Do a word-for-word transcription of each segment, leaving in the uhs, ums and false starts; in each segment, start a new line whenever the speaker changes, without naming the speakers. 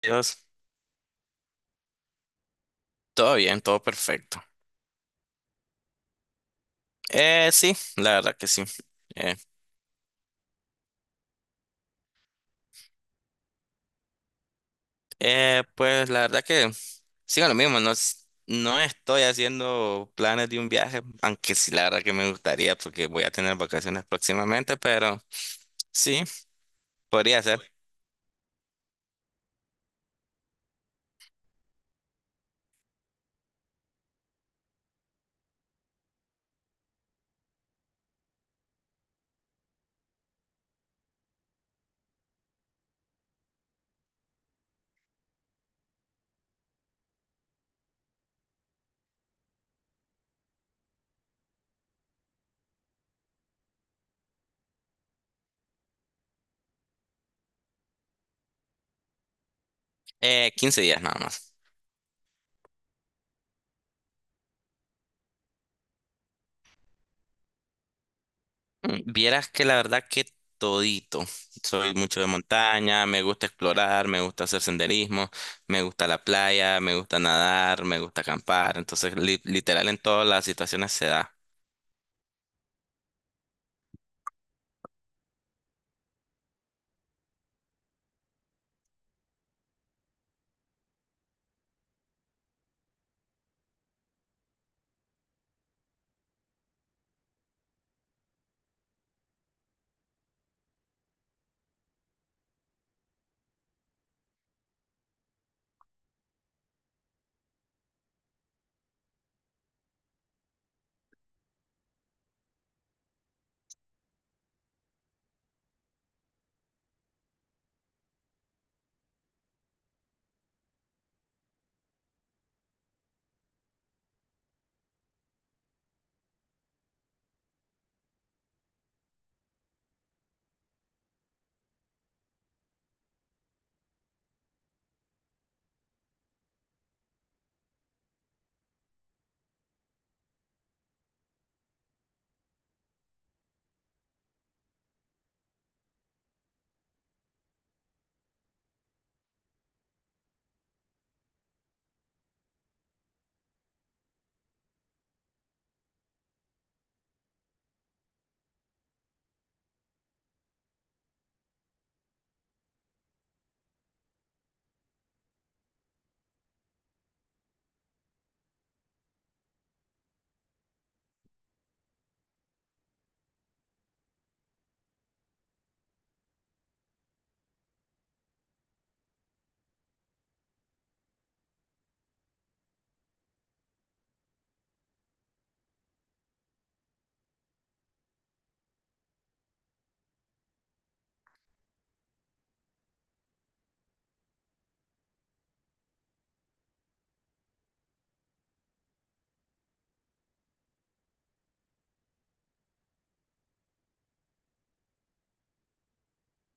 Dios, todo bien, todo perfecto. Eh, sí, la verdad que sí. Eh, eh, pues la verdad que sigo lo mismo, no, es- no estoy haciendo planes de un viaje, aunque sí, la verdad que me gustaría porque voy a tener vacaciones próximamente, pero sí, podría ser eh, quince días nada. Mm, Vieras que la verdad que todito. Soy mucho de montaña, me gusta explorar, me gusta hacer senderismo, me gusta la playa, me gusta nadar, me gusta acampar. Entonces, li- literal en todas las situaciones se da.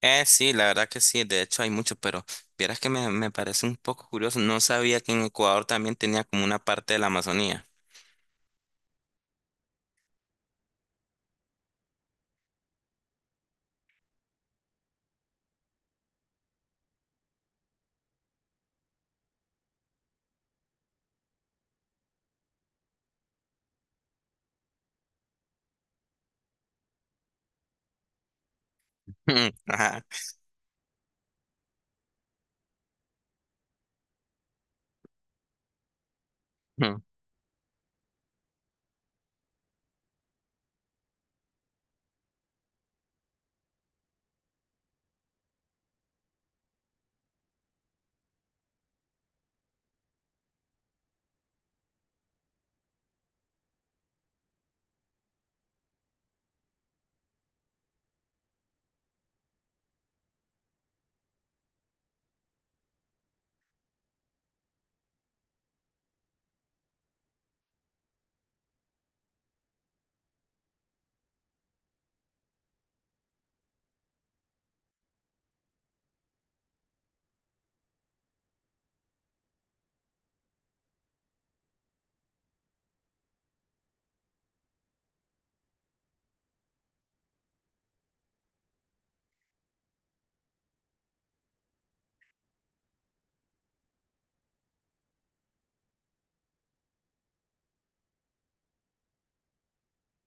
Eh, sí, la verdad que sí, de hecho hay mucho, pero vieras que me, me parece un poco curioso. No sabía que en Ecuador también tenía como una parte de la Amazonía. Mm. Ajá. Mm.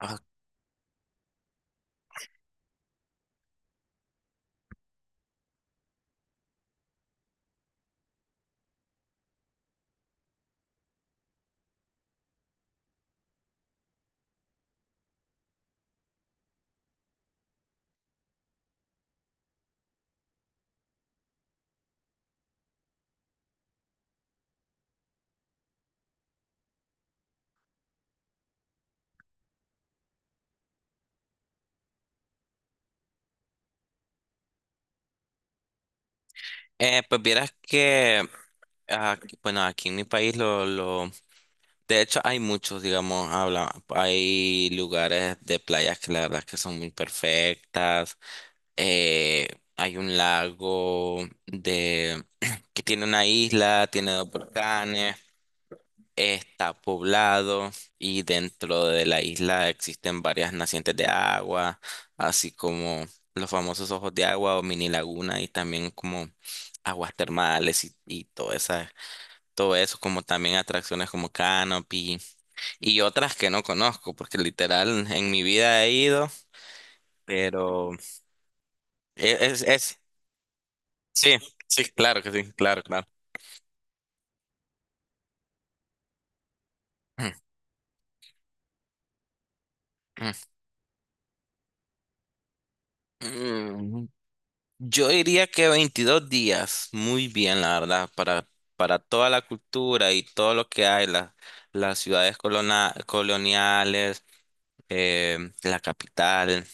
Ah. Eh, pues vieras que, ah, bueno, aquí en mi país lo, lo. De hecho, hay muchos, digamos, habla, hay lugares de playas que la verdad es que son muy perfectas. Eh, Hay un lago de que tiene una isla, tiene dos volcanes, está poblado y dentro de la isla existen varias nacientes de agua, así como los famosos ojos de agua o mini laguna y también como aguas termales y, y todo esa, todo eso, como también atracciones como canopy y otras que no conozco, porque literal en mi vida he ido, pero es, es, es- sí, sí, claro que sí, claro, claro. Mm, Yo diría que veintidós días, muy bien, la verdad, para, para toda la cultura y todo lo que hay, la- las ciudades colona- coloniales, eh, la capital.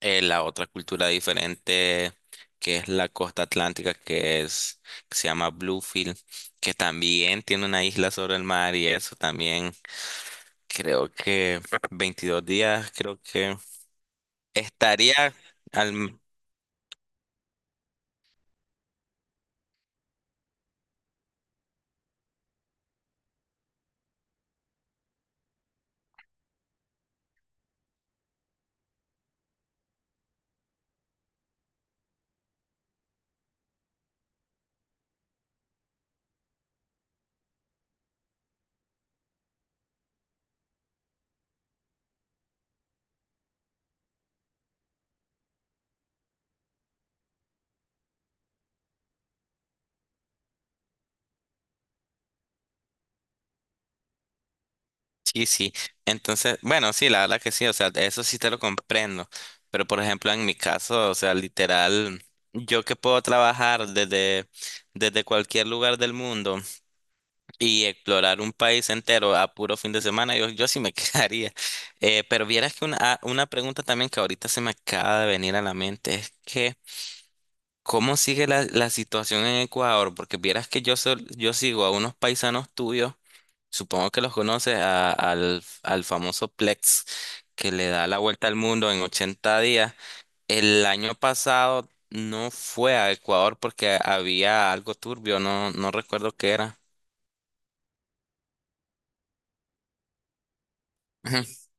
eh, La otra cultura diferente que es la costa atlántica, que es, que se llama Bluefield, que también tiene una isla sobre el mar y eso también creo que veintidós días, creo que estaría al... Sí, sí. Entonces, bueno, sí, la verdad que sí, o sea, eso sí te lo comprendo. Pero por ejemplo, en mi caso, o sea, literal, yo que puedo trabajar desde, desde cualquier lugar del mundo. Y explorar un país entero a puro fin de semana, yo, yo sí me quedaría. Eh, pero vieras que una, ah, una pregunta también que ahorita se me acaba de venir a la mente es que, ¿cómo sigue la, la situación en Ecuador? Porque vieras que yo, sol- yo sigo a unos paisanos tuyos, supongo que los conoces, a- al, al famoso Plex, que le da la vuelta al mundo en ochenta días. El año pasado no fue a Ecuador porque había algo turbio, no, no recuerdo qué era.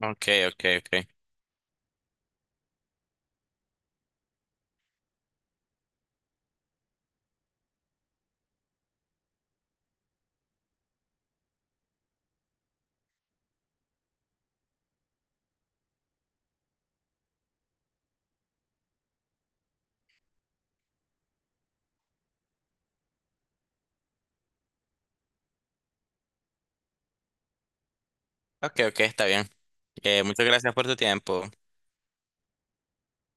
Ok, ok, ok. Ok, ok, está bien. Eh, muchas gracias por tu tiempo.